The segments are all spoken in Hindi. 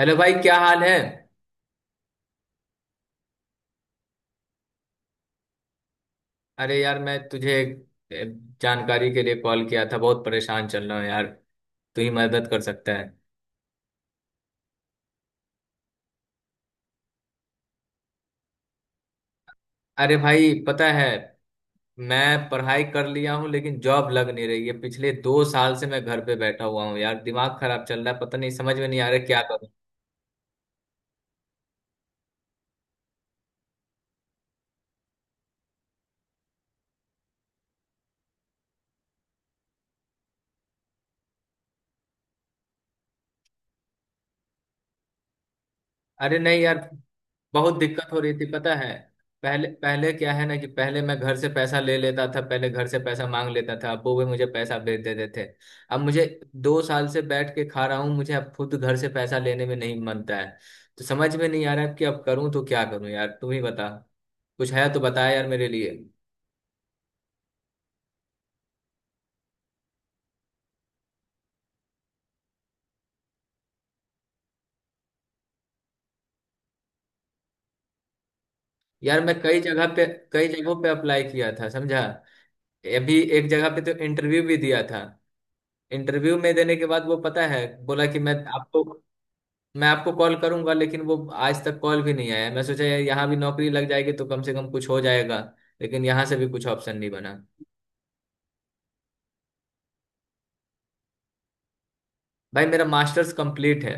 हेलो भाई, क्या हाल है। अरे यार, मैं तुझे ए, जानकारी के लिए कॉल किया था। बहुत परेशान चल रहा हूँ यार, तू ही मदद कर सकता है। अरे भाई पता है, मैं पढ़ाई कर लिया हूँ लेकिन जॉब लग नहीं रही है। पिछले 2 साल से मैं घर पे बैठा हुआ हूँ यार, दिमाग खराब चल रहा है। पता नहीं, समझ में नहीं आ रहा है क्या करूँ। अरे नहीं यार, बहुत दिक्कत हो रही थी पता है। पहले पहले क्या है ना कि पहले मैं घर से पैसा ले लेता था, पहले घर से पैसा मांग लेता था, अब वो भी मुझे पैसा भेज देते थे। अब मुझे 2 साल से बैठ के खा रहा हूँ, मुझे अब खुद घर से पैसा लेने में नहीं मनता है। तो समझ में नहीं आ रहा है कि अब करूँ तो क्या करूँ यार, तुम ही बता। कुछ है तो बता यार मेरे लिए। यार, मैं कई जगहों पे अप्लाई किया था समझा। अभी एक जगह पे तो इंटरव्यू भी दिया था। इंटरव्यू में देने के बाद वो पता है बोला कि मैं आपको कॉल करूंगा, लेकिन वो आज तक कॉल भी नहीं आया। मैं सोचा यार, यहाँ भी नौकरी लग जाएगी तो कम से कम कुछ हो जाएगा, लेकिन यहाँ से भी कुछ ऑप्शन नहीं बना। भाई, मेरा मास्टर्स कंप्लीट है।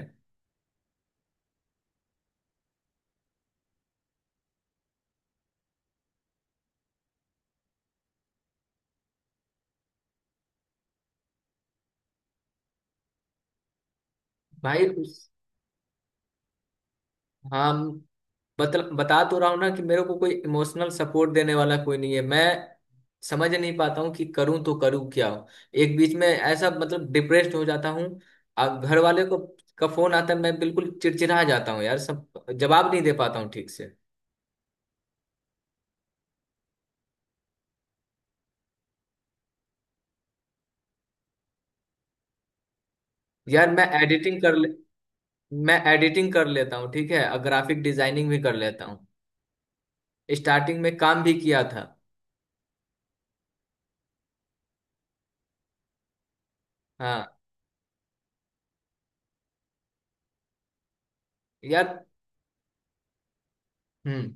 भाई हाँ, बता तो रहा हूँ ना कि मेरे को कोई इमोशनल सपोर्ट देने वाला कोई नहीं है। मैं समझ नहीं पाता हूँ कि करूँ तो करूँ क्या। एक बीच में ऐसा मतलब डिप्रेस्ड हो जाता हूँ। अब घर वाले को का फोन आता है, मैं बिल्कुल चिड़चिड़ा जाता हूँ यार, सब जवाब नहीं दे पाता हूँ ठीक से। यार, मैं एडिटिंग कर लेता हूँ, ठीक है। और ग्राफिक डिजाइनिंग भी कर लेता हूँ, स्टार्टिंग में काम भी किया था। हाँ। यार। हम्म।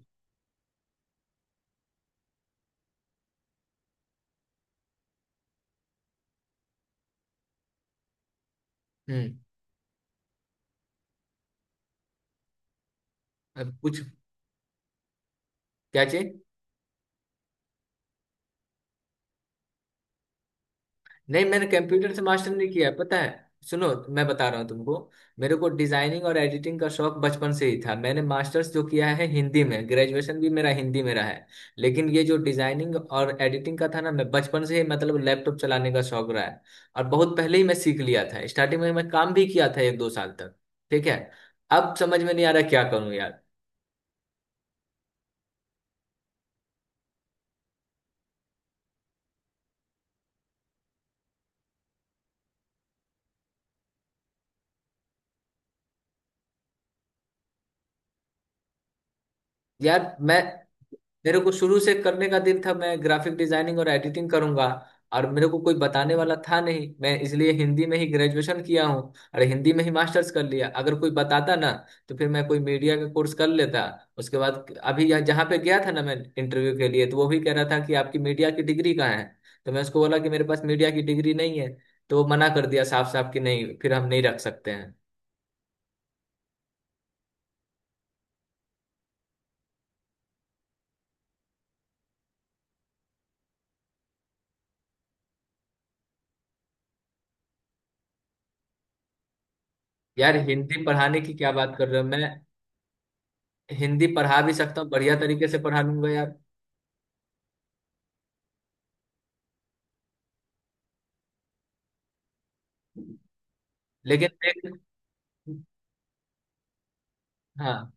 हम्म। अब कुछ क्या चाहिए। नहीं, मैंने कंप्यूटर से मास्टर नहीं किया है, पता है, सुनो। मैं बता रहा हूँ तुमको, मेरे को डिजाइनिंग और एडिटिंग का शौक बचपन से ही था। मैंने मास्टर्स जो किया है हिंदी में, ग्रेजुएशन भी मेरा हिंदी में रहा है। लेकिन ये जो डिजाइनिंग और एडिटिंग का था ना, मैं बचपन से ही मतलब लैपटॉप चलाने का शौक रहा है। और बहुत पहले ही मैं सीख लिया था, स्टार्टिंग में मैं काम भी किया था एक दो साल तक। ठीक है, अब समझ में नहीं आ रहा क्या करूँ यार। यार मैं मेरे को शुरू से करने का दिल था, मैं ग्राफिक डिजाइनिंग और एडिटिंग करूंगा। और मेरे को कोई बताने वाला था नहीं, मैं इसलिए हिंदी में ही ग्रेजुएशन किया हूँ और हिंदी में ही मास्टर्स कर लिया। अगर कोई बताता ना तो फिर मैं कोई मीडिया का कोर्स कर लेता। उसके बाद अभी यहाँ जहाँ पे गया था ना मैं इंटरव्यू के लिए, तो वो भी कह रहा था कि आपकी मीडिया की डिग्री कहाँ है। तो मैं उसको बोला कि मेरे पास मीडिया की डिग्री नहीं है। तो वो मना कर दिया साफ साफ कि नहीं, फिर हम नहीं रख सकते हैं। यार, हिंदी पढ़ाने की क्या बात कर रहे हो। मैं हिंदी पढ़ा भी सकता हूँ, बढ़िया तरीके से पढ़ा लूंगा यार। लेकिन एक हाँ।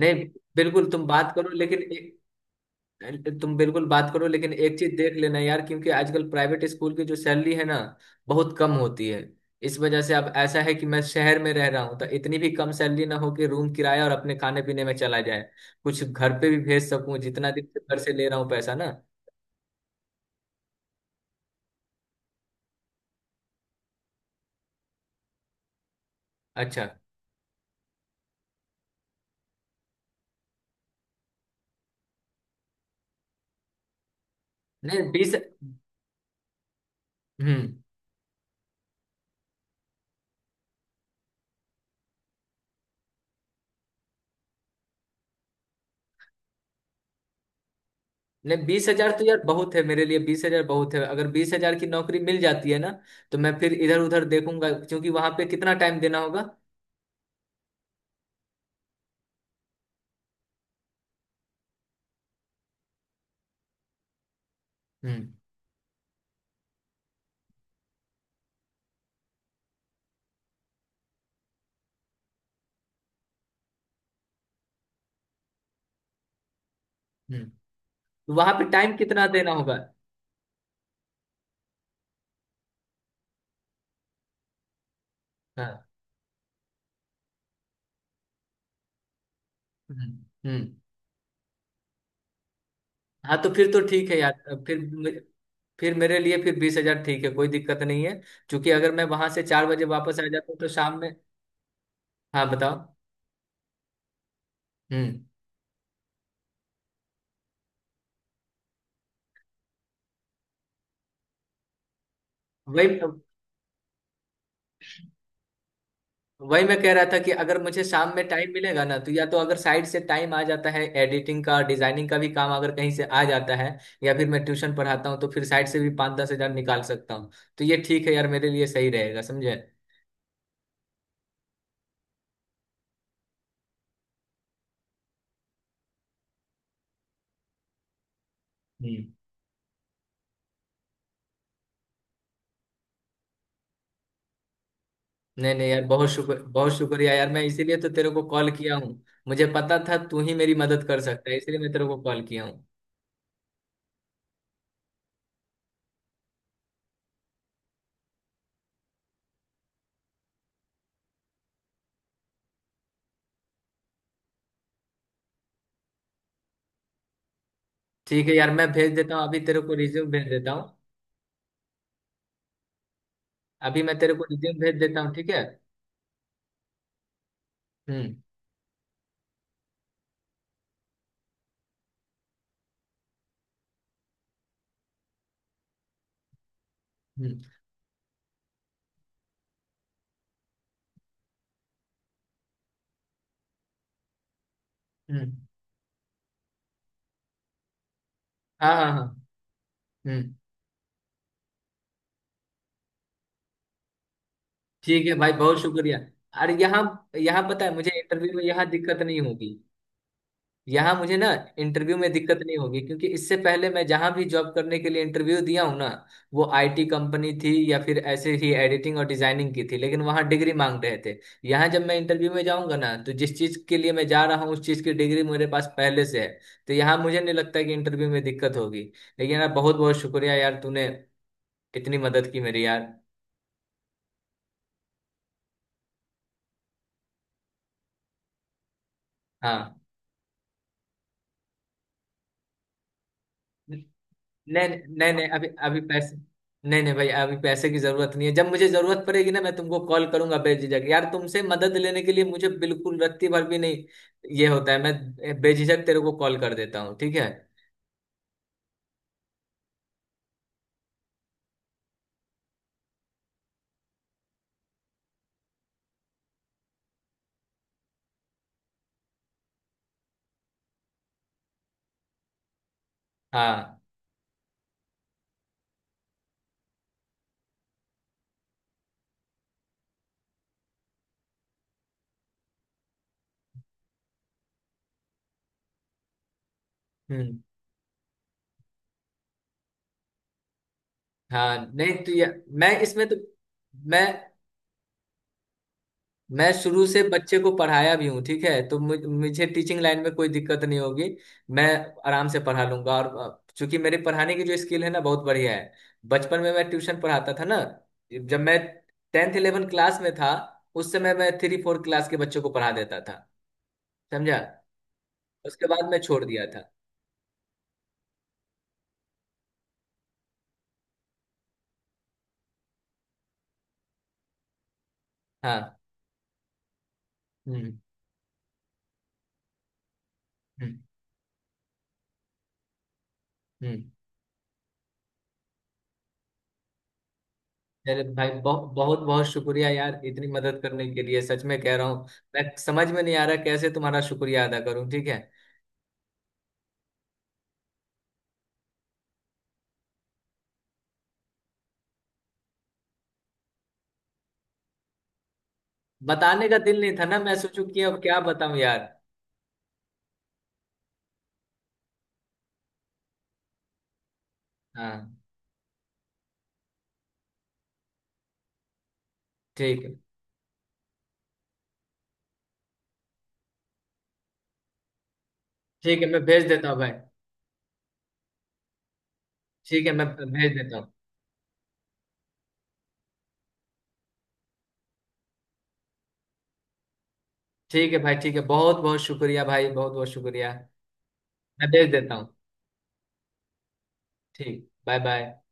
नहीं। बिल्कुल तुम बात करो लेकिन एक तुम बिल्कुल बात करो, लेकिन एक चीज देख लेना यार, क्योंकि आजकल प्राइवेट स्कूल की जो सैलरी है ना, बहुत कम होती है। इस वजह से अब ऐसा है कि मैं शहर में रह रहा हूँ, तो इतनी भी कम सैलरी ना हो कि रूम किराया और अपने खाने पीने में चला जाए, कुछ घर पे भी भेज सकूँ, जितना दिन से घर से ले रहा हूँ पैसा ना। अच्छा। नहीं बीस हम्म। नहीं, 20 हजार तो यार बहुत है मेरे लिए, 20 हजार बहुत है। अगर 20 हजार की नौकरी मिल जाती है ना तो मैं फिर इधर उधर देखूंगा, क्योंकि वहां पे कितना टाइम देना होगा। हम्म। हम्म। वहां पे टाइम कितना देना होगा। हाँ। हम्म। हम्म। हाँ, तो फिर तो ठीक है यार। फिर फिर मेरे लिए फिर 20 हजार ठीक है, कोई दिक्कत नहीं है। क्योंकि अगर मैं वहां से 4 बजे वापस आ जाता हूँ तो शाम में। हाँ, बताओ। हम्म। वही वही मैं कह रहा था कि अगर मुझे शाम में टाइम मिलेगा ना, तो या तो अगर साइड से टाइम आ जाता है, एडिटिंग का डिजाइनिंग का भी काम अगर कहीं से आ जाता है, या फिर मैं ट्यूशन पढ़ाता हूँ, तो फिर साइड से भी पाँच दस हजार निकाल सकता हूँ। तो ये ठीक है यार मेरे लिए, सही रहेगा समझे। हम्म। नहीं नहीं यार, बहुत शुक्रिया यार, मैं इसीलिए तो तेरे को कॉल किया हूँ। मुझे पता था तू ही मेरी मदद कर सकता है, इसलिए मैं तेरे को कॉल किया हूँ। ठीक है यार, मैं भेज देता हूँ, अभी तेरे को रिज्यूम भेज देता हूँ। अभी मैं तेरे को रिज्यूम भेज देता हूँ, ठीक है। हम्म। हम्म। हम्म। हाँ हाँ हाँ। हम्म। ठीक है भाई, बहुत शुक्रिया। अरे, यहाँ यहाँ पता है, मुझे इंटरव्यू में यहाँ दिक्कत नहीं होगी। यहाँ मुझे ना इंटरव्यू में दिक्कत नहीं होगी, क्योंकि इससे पहले मैं जहाँ भी जॉब करने के लिए इंटरव्यू दिया हूँ ना, वो आईटी कंपनी थी या फिर ऐसे ही एडिटिंग और डिजाइनिंग की थी, लेकिन वहाँ डिग्री मांग रहे थे। यहाँ जब मैं इंटरव्यू में जाऊँगा ना, तो जिस चीज़ के लिए मैं जा रहा हूँ उस चीज़ की डिग्री मेरे पास पहले से है। तो यहाँ मुझे नहीं लगता कि इंटरव्यू में दिक्कत होगी। लेकिन यार, बहुत बहुत शुक्रिया यार, तूने इतनी मदद की मेरी यार। हाँ। नहीं। नहीं नहीं, अभी अभी पैसे, नहीं नहीं भाई, अभी पैसे की जरूरत नहीं है। जब मुझे जरूरत पड़ेगी ना, मैं तुमको कॉल करूंगा बेझिझक यार, तुमसे मदद लेने के लिए मुझे बिल्कुल रत्ती भर भी नहीं ये होता है। मैं बेझिझक तेरे को कॉल कर देता हूँ, ठीक है। हाँ। हम्म। हाँ। नहीं तो मैं इसमें तो मैं मैं शुरू से बच्चे को पढ़ाया भी हूँ, ठीक है। तो मुझे टीचिंग लाइन में कोई दिक्कत नहीं होगी। मैं आराम से पढ़ा लूंगा, और चूंकि मेरे पढ़ाने की जो स्किल है ना, बहुत बढ़िया है। बचपन में मैं ट्यूशन पढ़ाता था ना, जब मैं टेंथ इलेवन क्लास में था, उस समय मैं थ्री फोर क्लास के बच्चों को पढ़ा देता था समझा। उसके बाद मैं छोड़ दिया था। हाँ। हम्म। हम्म। हम्म। चलो भाई, बहुत बहुत बहुत शुक्रिया यार, इतनी मदद करने के लिए, सच में कह रहा हूँ। मैं समझ में नहीं आ रहा कैसे तुम्हारा शुक्रिया अदा करूँ, ठीक है। बताने का दिल नहीं था ना, मैं सोचूं कि अब क्या बताऊं यार। हाँ। ठीक है। ठीक है मैं भेज देता हूँ भाई। ठीक है मैं भेज देता हूँ। ठीक है भाई, ठीक है, बहुत बहुत शुक्रिया भाई, बहुत बहुत शुक्रिया। मैं भेज देता हूँ। ठीक, बाय बाय।